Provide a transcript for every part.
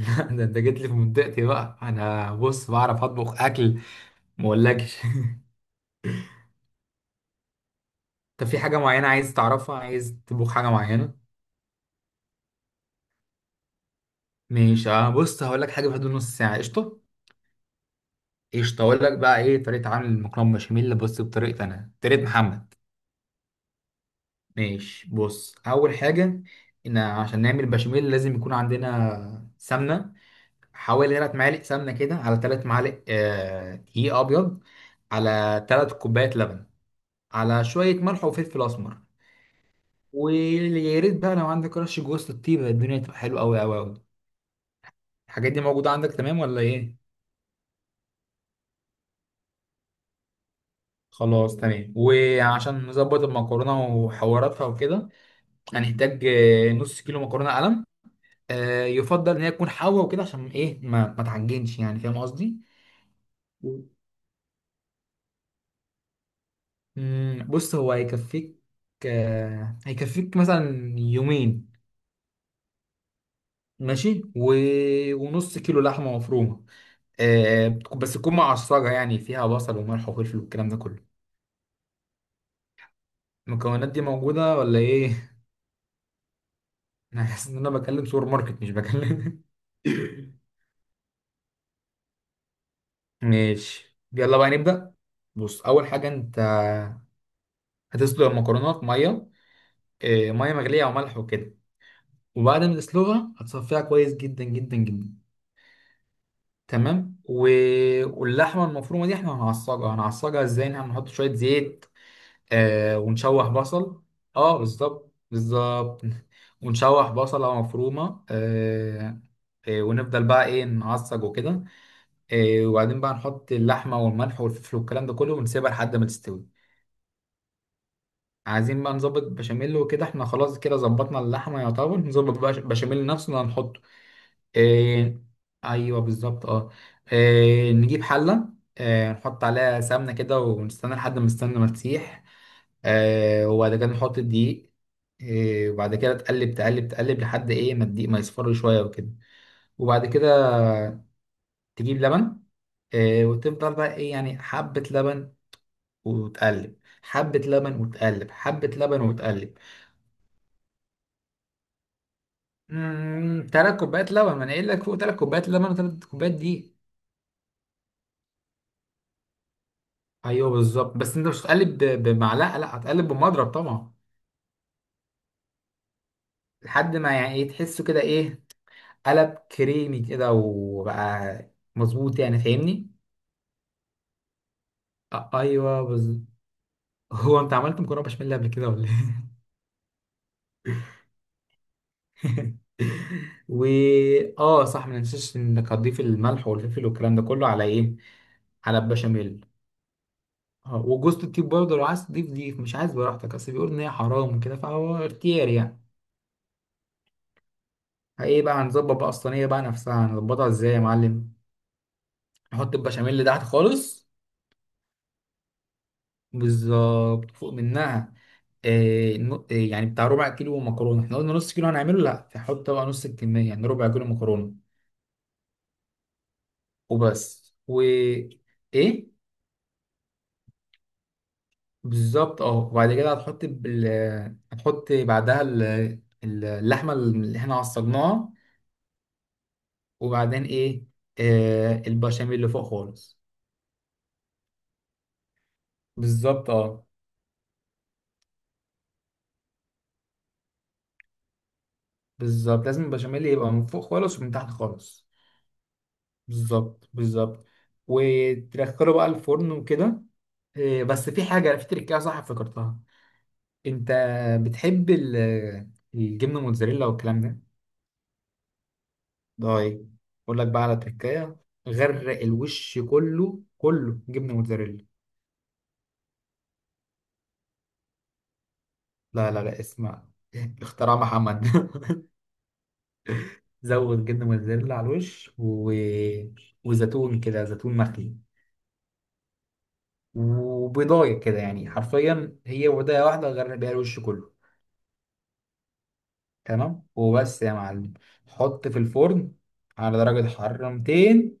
ده انت جيت لي في منطقتي بقى. انا بص، بعرف اطبخ اكل، ما اقولكش. طب في حاجه معينه عايز تعرفها؟ عايز تطبخ حاجه معينه؟ ماشي، اه بص هقول لك حاجه في حدود نص ساعه. قشطه؟ قشطه، اقول لك بقى ايه طريقه عمل المكرونه بشاميل. بص بطريقتي انا، طريقه محمد. ماشي، بص اول حاجه ان عشان نعمل بشاميل لازم يكون عندنا سمنه. حوالي 3 معالق سمنه كده، على 3 معالق دقيق ابيض، على 3 كوبايات لبن، على شويه ملح وفلفل اسمر. ويا ريت بقى لو عندك رش جوز للطيبه، الدنيا تبقى حلوه قوي قوي قوي. الحاجات دي موجوده عندك تمام ولا ايه؟ خلاص تمام. وعشان نظبط المكرونه وحواراتها وكده، هنحتاج نص كيلو مكرونه قلم. يفضل ان هي تكون حوا وكده، عشان ايه ما تعجنش، يعني فاهم قصدي. بص هو هيكفيك. هيكفيك مثلا يومين. ماشي و... ونص كيلو لحمه مفرومه. بس تكون معصجه، يعني فيها بصل وملح وفلفل والكلام ده كله. المكونات دي موجودة ولا ايه؟ انا حاسس ان انا بكلم سوبر ماركت، مش بكلم. ماشي، يلا بقى نبدأ. بص اول حاجة، انت هتسلق المكرونة في مية. إيه، مية مغلية او ملح وكده. وبعد ما تسلقها هتصفيها كويس جدا جدا جدا. تمام و... واللحمة المفرومة دي احنا هنعصجها. هنعصجها ازاي؟ إن احنا هنحط شوية زيت، آه ونشوح بصل. اه بالظبط بالظبط. ونشوح بصلة مفرومة آه. ونفضل بقى ايه، نعصج وكده. إيه، وبعدين بقى نحط اللحمه والملح والفلفل والكلام ده كله ونسيبها لحد ما تستوي. عايزين بقى نظبط بشاميل وكده. احنا خلاص كده ظبطنا اللحمه يعتبر، نظبط بقى بشاميل نفسه اللي هنحطه. إيه. ايوه بالظبط اه. إيه، نجيب حله، إيه، نحط عليها سمنه كده ونستنى لحد ما السمنه ما تسيح. إيه، وبعد كده نحط الدقيق. إيه، وبعد كده تقلب تقلب تقلب لحد ايه، ما الدقيق ما يصفر شويه وكده. وبعد كده تجيب لبن. إيه، وتفضل بقى ايه، يعني حبه لبن وتقلب، حبة لبن وتقلب، حبة لبن وتقلب. تلات كوبايات لبن، ما انا قايل لك فوق 3 كوبايات لبن، وتلات كوبايات دي. ايوه بالظبط، بس انت مش هتقلب بمعلقة، لا هتقلب بمضرب طبعا. لحد ما يعني ايه، تحسه كده ايه، قلب كريمي كده وبقى مظبوط، يعني فاهمني. ايوه بالظبط. هو انت عملت مكرونه بشاميل قبل كده ولا ايه؟ و اه صح، ما ننساش انك هتضيف الملح والفلفل والكلام ده كله على ايه، على البشاميل. اه، وجوزة الطيب برضه لو عايز تضيف ضيف، مش عايز براحتك، اصل بيقول ان هي حرام وكده، فهو اختيار يعني. ايه بقى، هنظبط بقى الصينيه بقى نفسها. هنظبطها ازاي يا معلم؟ نحط البشاميل تحت خالص، بالظبط. فوق منها إيه إيه يعني بتاع ربع كيلو مكرونه. احنا قلنا نص كيلو هنعمله، لا فحط بقى نص الكميه، يعني ربع كيلو مكرونه. وبس و ايه، بالظبط اه. وبعد كده هتحط هتحط بعدها اللحمه اللي احنا عصجناها. وبعدين ايه، آه البشاميل اللي فوق خالص. بالظبط اه. بالظبط، لازم البشاميل يبقى من فوق خالص ومن تحت خالص. بالظبط بالظبط. وتدخله بقى الفرن وكده. بس في حاجة في تركية صح، افتكرتها. انت بتحب الجبنة موتزاريلا والكلام ده؟ طيب، اقول لك بقى على تركية. غرق الوش كله كله جبنة موتزاريلا. لا لا لا اسمع، اختراع محمد. زود جبنه موتزاريلا على الوش و... وزيتون كده، زيتون مخلي. وبيضايه كده، يعني حرفيا هي بيضايه واحده غرق بيها الوش كله. تمام وبس يا معلم. حط في الفرن على درجه حراره 200.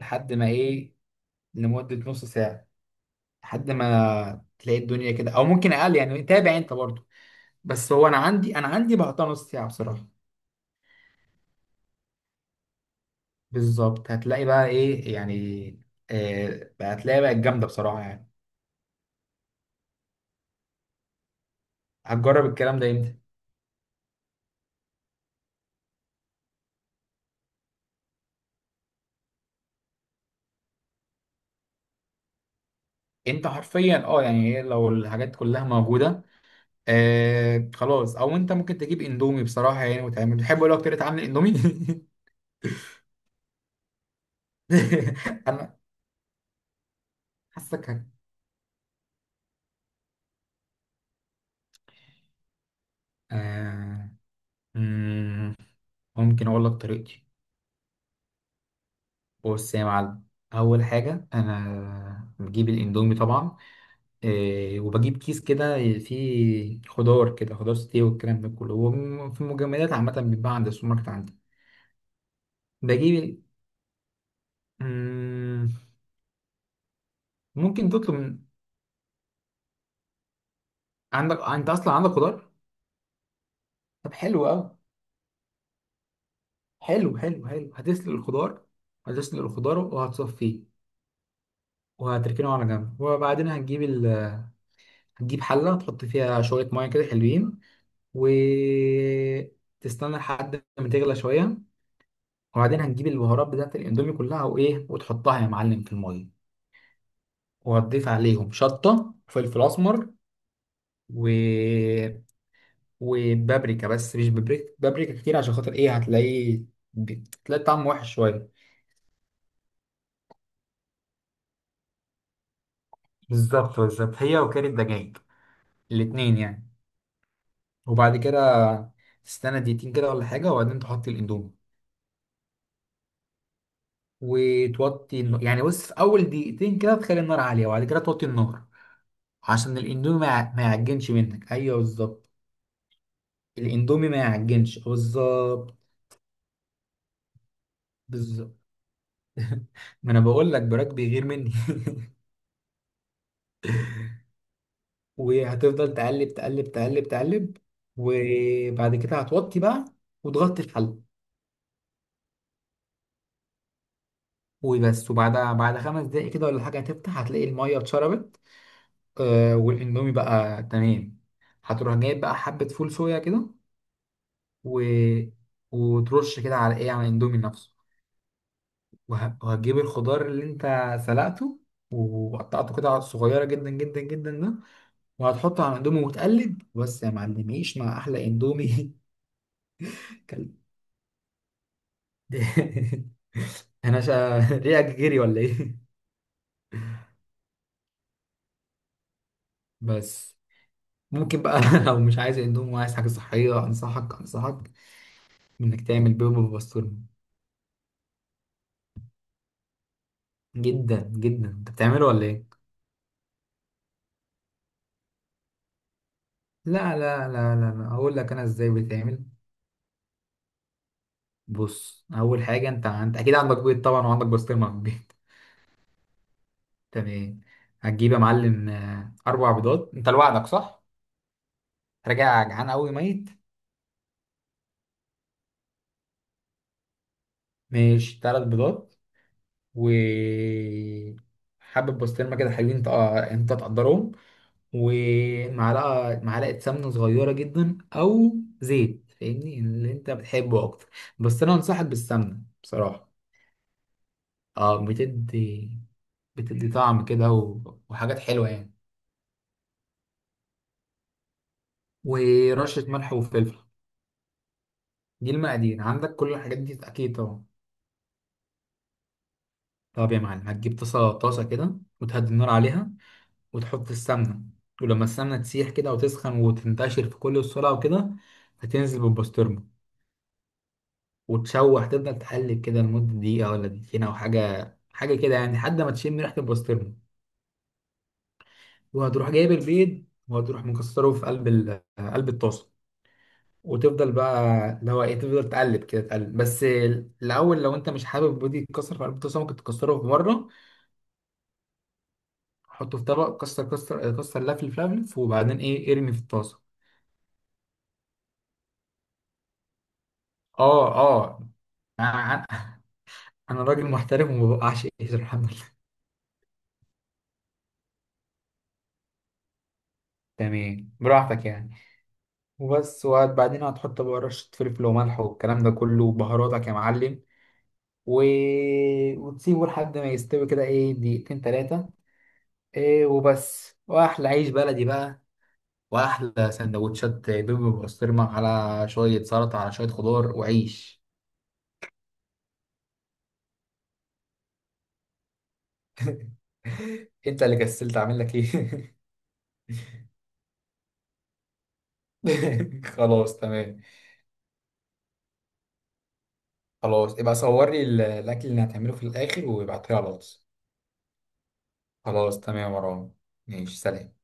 لحد ما ايه، لمده نص ساعه. لحد ما تلاقي الدنيا كده، او ممكن اقل، يعني تابع انت برضو. بس هو انا عندي، انا عندي بحطها نص ساعه بصراحه. بالظبط، هتلاقي بقى ايه يعني، آه هتلاقي بقى الجامده بصراحه يعني. هتجرب الكلام ده امتى؟ انت حرفيا اه، يعني هي لو الحاجات كلها موجوده، آه خلاص. او انت ممكن تجيب اندومي بصراحه يعني، وتعمل، بتحب اقول لك طريقه عامل اندومي؟ انا حاسك آه. مم، ممكن اقول لك طريقتي. بص يا معلم، اول حاجه انا بجيب الاندومي طبعا. آه، وبجيب كيس كده فيه خضار كده، خضار ستيه والكلام ده كله، وفي المجمدات عامه بيتباع عند السوبر ماركت عندي. بجيب ال- مم، ممكن تطلب. عندك انت اصلا عندك خضار. طب حلو قوي. حلو حلو حلو، هتسلق الخضار. هتسلق الخضار وهتصفيه وهتركنه على جنب. وبعدين هتجيب حله، تحط فيها شويه ميه كده حلوين، وتستنى لحد ما تغلى شويه. وبعدين هتجيب البهارات بتاعت الاندومي كلها وايه، وتحطها يا معلم في الميه. وهتضيف عليهم شطه وفلفل اسمر و... وبابريكا، بس مش بابريكا بابريكا كتير، عشان خاطر ايه، هتلاقيه بتلاقي طعم وحش شويه. بالظبط بالظبط، هي وكيل الدجاج الاتنين يعني. وبعد كده تستنى دقيقتين كده ولا حاجة، وبعدين تحط الأندومي وتوطي النار. يعني بص، في أول دقيقتين كده تخلي النار عالية، وبعد كده توطي النار عشان الأندومي ما يعجنش منك. أيوه بالظبط. الأندومي ما يعجنش، بالظبط بالظبط. ما أنا بقول لك، براك بيغير مني. وهتفضل تقلب تقلب تقلب تقلب. وبعد كده هتوطي بقى وتغطي الحل. وبس، وبعد 5 دقايق كده ولا حاجة هتفتح، هتلاقي المية اتشربت، آه والاندومي بقى تمام. هتروح جايب بقى حبة فول صويا كده و... وترش كده على ايه، على الاندومي نفسه. وهتجيب الخضار اللي انت سلقته وقطعته كده صغيرة جدا جدا جدا ده، وهتحطه على الاندومي وتقلب. بس يا معلم، عيش مع احلى اندومي. كلب. انا ريقك جري ولا ايه. بس ممكن بقى، لو مش عايز اندومي وعايز حاجة صحية، انصحك انك تعمل بيض بالبسطرمة. جدا جدا. انت بتعمله ولا ايه؟ لا لا لا لا لا، اقول لك انا ازاي بيتعمل. بص اول حاجه، انت اكيد عندك بيض طبعا، وعندك بسطرمه في البيت. تمام. هتجيب يا معلم 4 بيضات. انت لوحدك صح؟ راجع جعان قوي ميت. ماشي، 3 بيضات. و حبة بسطرمه كده حلوين، انت انت تقدرهم. ومعلقه معلقه سمنه صغيره جدا، او زيت، فاهمني اللي انت بتحبه اكتر. بس انا انصحك بالسمنه بصراحه. اه بتدي، بتدي طعم كده وحاجات حلوة يعني. ورشة ملح وفلفل. دي المقادير عندك، كل الحاجات دي أكيد طبعا. طب يا معلم، هتجيب طاسة كده وتهدي النار عليها وتحط السمنة. ولما السمنة تسيح كده وتسخن وتنتشر في كل السرعة وكده، هتنزل بالبسطرمة. وتشوح، تفضل تقلب كده لمدة دقيقة ولا دقيقتين أو حاجة كده يعني، لحد ما تشم ريحة البسطرمة. وهتروح جايب البيض، وهتروح مكسره في قلب قلب الطاسة. وتفضل بقى، اللي هو ايه، تفضل تقلب كده تقلب بس. الاول، لو انت مش حابب بودي يتكسر في قلب الطاسه، ممكن تكسره في مره، حطه في طبق، كسر كسر كسر، لفلف لفلف، وبعدين ايه ارمي في الطاسه. اه اه. انا أنا راجل محترم، وما بوقعش ايدي الحمد لله. تمام، براحتك يعني. وبس، وبعدين هتحط بقى رشه فلفل وملح والكلام ده كله وبهاراتك يا معلم، و... وتسيبه لحد ما يستوي كده، ايه دقيقتين تلاتة. ايه وبس، واحلى عيش بلدي بقى، واحلى سندوتشات بيبي بسطرمه على شويه سلطه، على شويه خضار وعيش. انت اللي كسلت، اعمل لك ايه. خلاص تمام. خلاص، ابقى صور لي الاكل اللي هتعمله في الاخر وابعته لي على الواتس. خلاص تمام يا مروان. ماشي، سلام.